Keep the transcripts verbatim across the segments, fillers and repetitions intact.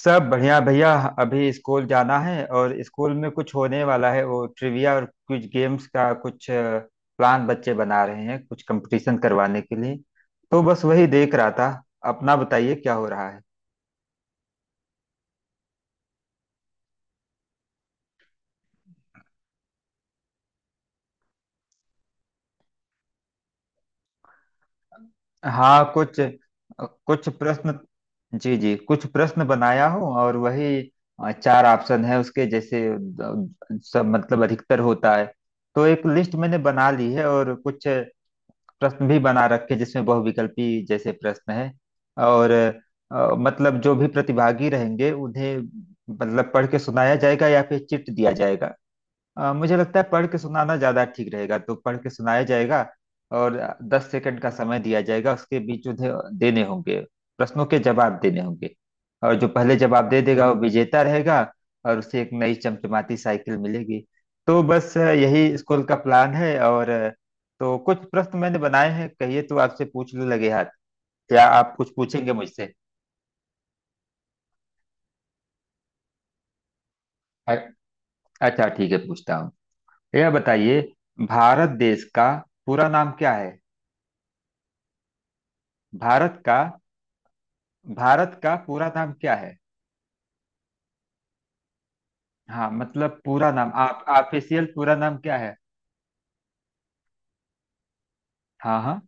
सब बढ़िया भैया। अभी स्कूल जाना है और स्कूल में कुछ होने वाला है। वो ट्रिविया और कुछ गेम्स का कुछ प्लान बच्चे बना रहे हैं कुछ कंपटीशन करवाने के लिए। तो बस वही देख रहा था। अपना बताइए क्या हो रहा है। हाँ, कुछ। कुछ प्रश्न। जी जी, कुछ प्रश्न बनाया हूँ और वही। अ, चार ऑप्शन है उसके जैसे द- सब मतलब अधिकतर होता है। तो एक लिस्ट मैंने बना ली है और कुछ प्रश्न भी बना रखे जिसमें बहुविकल्पी जैसे प्रश्न है। और अ, मतलब जो भी प्रतिभागी रहेंगे उन्हें मतलब पढ़ के सुनाया जाएगा या फिर चिट दिया जाएगा। अ, मुझे लगता है पढ़ के सुनाना ज्यादा ठीक रहेगा, तो पढ़ के सुनाया जाएगा। और दस सेकंड का समय दिया जाएगा, उसके बीच उन्हें देने होंगे, प्रश्नों के जवाब देने होंगे, और जो पहले जवाब दे देगा वो विजेता रहेगा, और उसे एक नई चमचमाती साइकिल मिलेगी। तो बस अ, यही स्कूल का प्लान है और अ, तो कुछ प्रश्न मैंने बनाए हैं, कहिए तो आपसे पूछने लगे हाथ। क्या आप कुछ पूछेंगे मुझसे? अ- अच्छा ठीक है, पूछता हूँ। यह बताइए, भारत देश का पूरा नाम क्या है? भारत का? भारत का पूरा नाम क्या है? हाँ मतलब पूरा नाम, आप ऑफिशियल पूरा नाम क्या है? हाँ हाँ।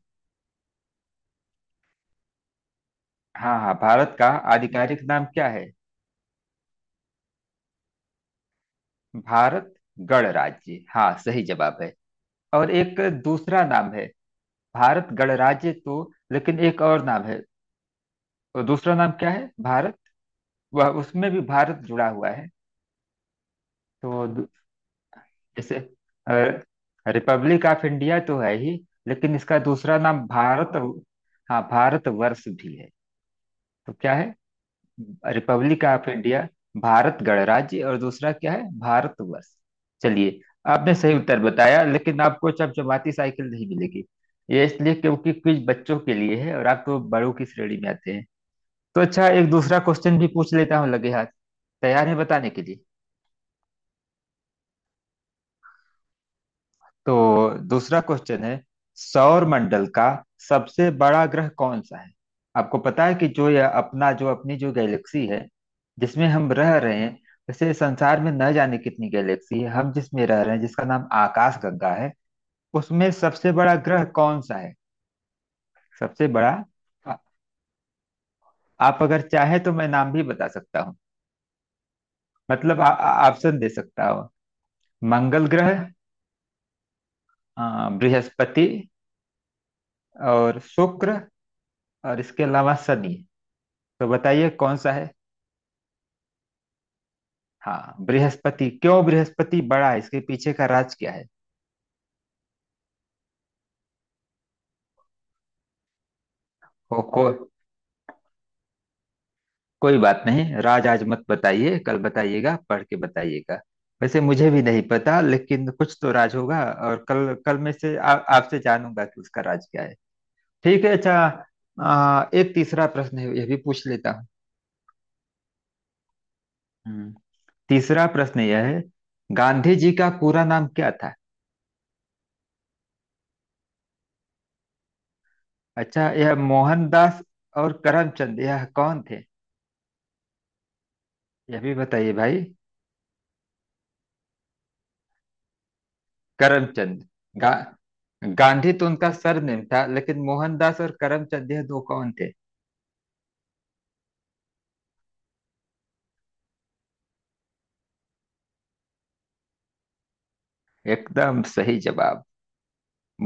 हाँ हाँ, भारत का आधिकारिक नाम क्या है? भारत गणराज्य, हाँ सही जवाब है। और एक दूसरा नाम है, भारत गणराज्य तो, लेकिन एक और नाम है। और दूसरा नाम क्या है भारत? वह, उसमें भी भारत जुड़ा हुआ है। तो दू- जैसे रिपब्लिक ऑफ इंडिया तो है ही, लेकिन इसका दूसरा नाम भारत। हाँ, भारत वर्ष भी है। तो क्या है? रिपब्लिक ऑफ इंडिया, भारत गणराज्य और दूसरा क्या है, भारतवर्ष। चलिए, आपने सही उत्तर बताया, लेकिन आपको चमचमाती साइकिल नहीं मिलेगी। ये इसलिए क्योंकि क्विज बच्चों के लिए है और आप तो बड़ों की श्रेणी में आते हैं। तो अच्छा, एक दूसरा क्वेश्चन भी पूछ लेता हूँ लगे हाथ। तैयार है बताने के लिए? तो दूसरा क्वेश्चन है, सौर मंडल का सबसे बड़ा ग्रह कौन सा है? आपको पता है कि जो यह अपना, जो अपनी जो गैलेक्सी है जिसमें हम रह रहे हैं। वैसे संसार में न जाने कितनी गैलेक्सी है, हम जिसमें रह रहे हैं, जिसका नाम आकाश गंगा है, उसमें सबसे बड़ा ग्रह कौन सा है? सबसे बड़ा। आ- आप अगर चाहे तो मैं नाम भी बता सकता हूँ। मतलब आ- आ- ऑप्शन दे सकता हूँ। मंगल ग्रह, अ, बृहस्पति और शुक्र, और इसके अलावा शनि। तो बताइए कौन सा है? हाँ बृहस्पति। क्यों बृहस्पति बड़ा है, इसके पीछे का राज क्या है? हो को, कोई बात नहीं, राज आज मत बताइए, कल बताइएगा, पढ़ के बताइएगा। वैसे मुझे भी नहीं पता लेकिन कुछ तो राज होगा, और कल कल में से आ- आपसे जानूंगा कि उसका राज क्या है। ठीक है, अच्छा। आ, एक तीसरा प्रश्न है, यह भी पूछ लेता हूँ। हम्म, तीसरा प्रश्न यह है, गांधी जी का पूरा नाम क्या था? अच्छा, यह मोहनदास और करमचंद, यह कौन थे, यह भी बताइए भाई। करमचंद। गा, गांधी तो उनका सरनेम था, लेकिन मोहनदास और करमचंद यह दो कौन थे? एकदम सही जवाब।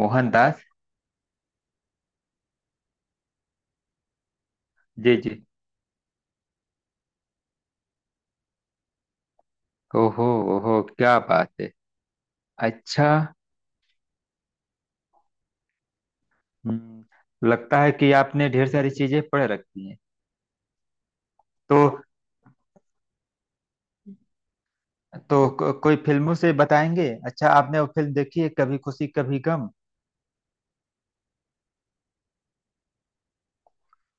मोहनदास। जी जी। ओहो, ओहो क्या बात है। अच्छा। हम्म, लगता है कि आपने ढेर सारी चीजें पढ़ रखी हैं। तो। तो को, कोई फिल्मों से बताएंगे। अच्छा, आपने वो फिल्म देखी है, कभी खुशी कभी गम?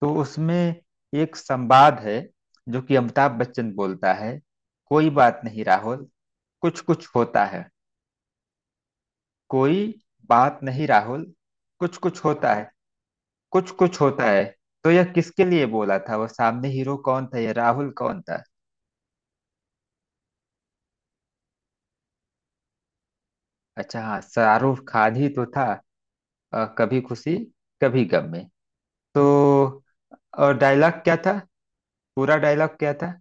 तो उसमें एक संवाद है, जो कि अमिताभ बच्चन बोलता है। कोई बात नहीं राहुल, कुछ कुछ होता है। कोई बात नहीं राहुल, कुछ कुछ होता है। कुछ कुछ होता है। तो यह किसके लिए बोला था? वह सामने हीरो कौन था, यह राहुल कौन था? अच्छा हाँ, शाहरुख खान ही तो था। अ, कभी खुशी कभी गम में तो। और डायलॉग क्या था, पूरा डायलॉग क्या था?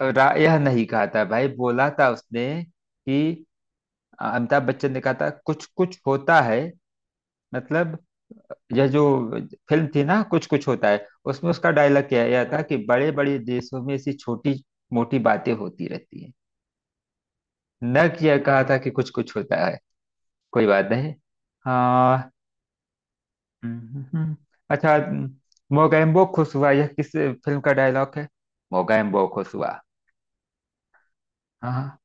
अ, रा, यह नहीं कहा था भाई, बोला था उसने कि अ, अमिताभ बच्चन ने कहा था कुछ कुछ होता है, मतलब। यह जो फिल्म थी ना, कुछ कुछ होता है, उसमें उसका डायलॉग क्या यह था कि बड़े बड़े देशों में ऐसी छोटी मोटी बातें होती रहती है, न कि यह कहा था कि कुछ कुछ होता है, कोई बात नहीं, हाँ। हम्म, हम्म। अच्छा, मोगैम्बो खुश हुआ, यह किस फिल्म का डायलॉग है? मोगैम्बो खुश हुआ। हाँ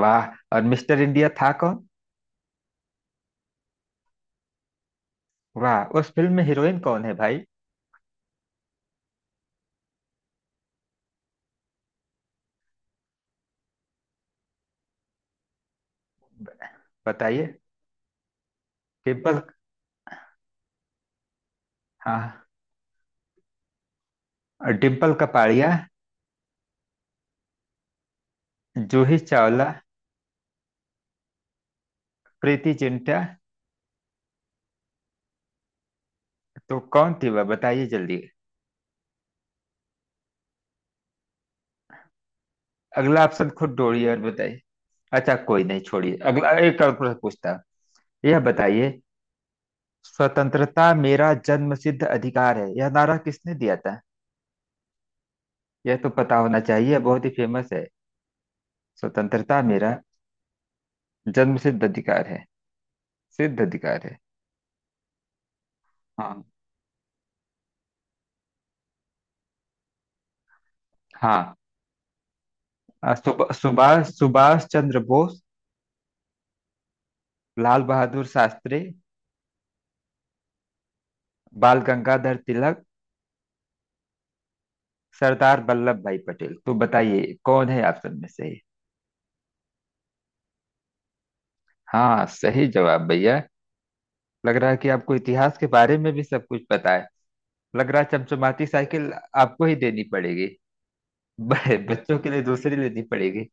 वाह। और मिस्टर इंडिया था कौन? वाह, उस फिल्म में हीरोइन कौन है भाई? बताइए। डिम्पल। हाँ, और डिम्पल कपाड़िया, जूही चावला, प्रीति जिंटा, तो कौन थी वह बताइए जल्दी। अगला ऑप्शन खुद ढूंढिए और बताइए। अच्छा कोई नहीं, छोड़िए, अगला एक और प्रश्न पूछता हूँ। यह बताइए, स्वतंत्रता मेरा जन्मसिद्ध अधिकार है, यह नारा किसने दिया था? यह तो पता होना चाहिए, बहुत ही फेमस है। स्वतंत्रता मेरा जन्मसिद्ध अधिकार है, सिद्ध अधिकार है। हाँ हाँ। अ, सुब- सुभाष सुभाष चंद्र बोस, लाल बहादुर शास्त्री, बाल गंगाधर तिलक, सरदार वल्लभ भाई पटेल, तो बताइए कौन है ऑप्शन में से? हाँ सही जवाब भैया। लग रहा है कि आपको इतिहास के बारे में भी सब कुछ पता है। लग रहा है चमचमाती साइकिल आपको ही देनी पड़ेगी, ब- बच्चों के लिए दूसरी लेनी पड़ेगी।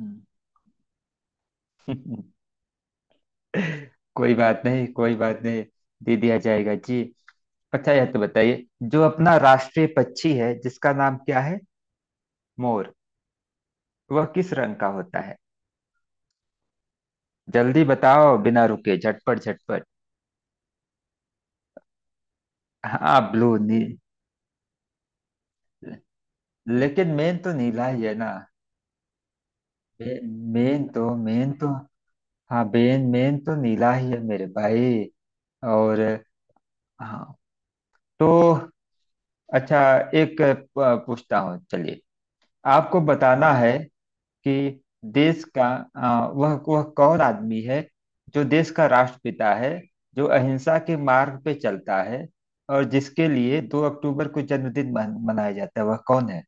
हम्म। कोई बात नहीं, कोई बात नहीं, दे दिया जाएगा जी। अच्छा यह तो बताइए, जो अपना राष्ट्रीय पक्षी है जिसका नाम क्या है? मोर। वह किस रंग का होता है? जल्दी बताओ बिना रुके, झटपट झटपट। हाँ ब्लू, नी। लेकिन मेन तो नीला ही है ना? मेन तो, मेन तो। हाँ बेन, मेन तो नीला ही है मेरे भाई। और हाँ, तो अच्छा, एक प- पूछता हूँ चलिए। आपको बताना है कि देश का आ, वह, वह कौन आदमी है जो देश का राष्ट्रपिता है, जो अहिंसा के मार्ग पे चलता है, और जिसके लिए दो अक्टूबर को जन्मदिन मन, मनाया जाता है, वह कौन है?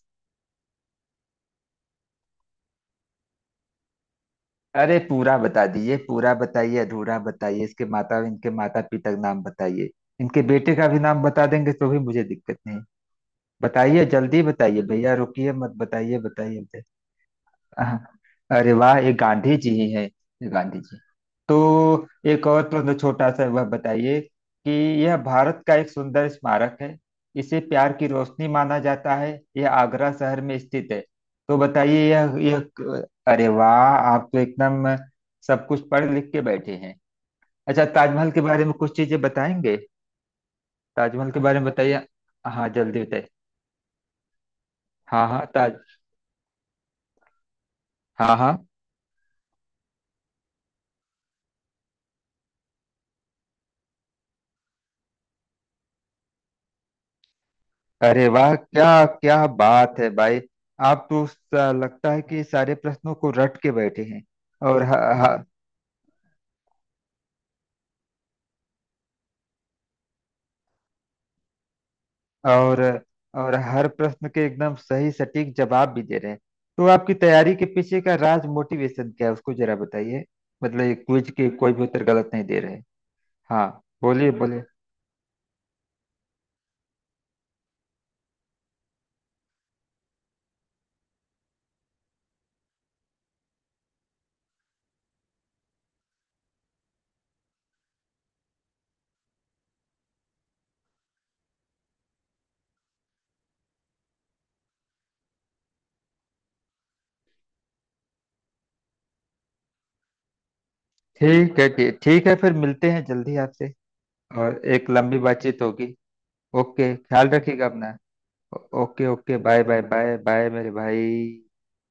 अरे पूरा बता दीजिए, पूरा बताइए, अधूरा बताइए, इसके माता, इनके माता पिता का नाम बताइए। इनके बेटे का भी नाम बता देंगे तो भी मुझे दिक्कत। बताइए, जल्दी बताइए भैया, रुकिए मत, बताइए, बताइए, बताइए। अरे वाह, ये गांधी जी ही है। ये गांधी जी। तो एक और प्रश्न छोटा सा, वह बताइए कि यह भारत का एक सुंदर स्मारक है, इसे प्यार की रोशनी माना जाता है, यह आगरा शहर में स्थित है। तो बताइए, यह यह। अरे वाह, आप तो एकदम सब कुछ पढ़ लिख के बैठे हैं। अच्छा, ताजमहल के बारे में कुछ चीजें बताएंगे? ताजमहल के बारे में बताइए। हाँ जल्दी बताइए। हाँ हाँ, ताज। हाँ हाँ। अरे वाह, क्या क्या बात है भाई। आप तो सा- लगता है कि सारे प्रश्नों को रट के बैठे हैं। और ह, ह, और और हर प्रश्न के एकदम सही सटीक जवाब भी दे रहे हैं। तो आपकी तैयारी के पीछे का राज, मोटिवेशन क्या है, उसको जरा बताइए। मतलब ये क्विज के कोई भी उत्तर गलत नहीं दे रहे। हाँ बोलिए बोलिए। ठीक है, ठीक ठीक है, फिर मिलते हैं जल्दी आपसे। और एक लंबी बातचीत होगी। ओके, ख्याल रखिएगा अपना। ओ- okay okay, bye bye bye bye मेरे भाई।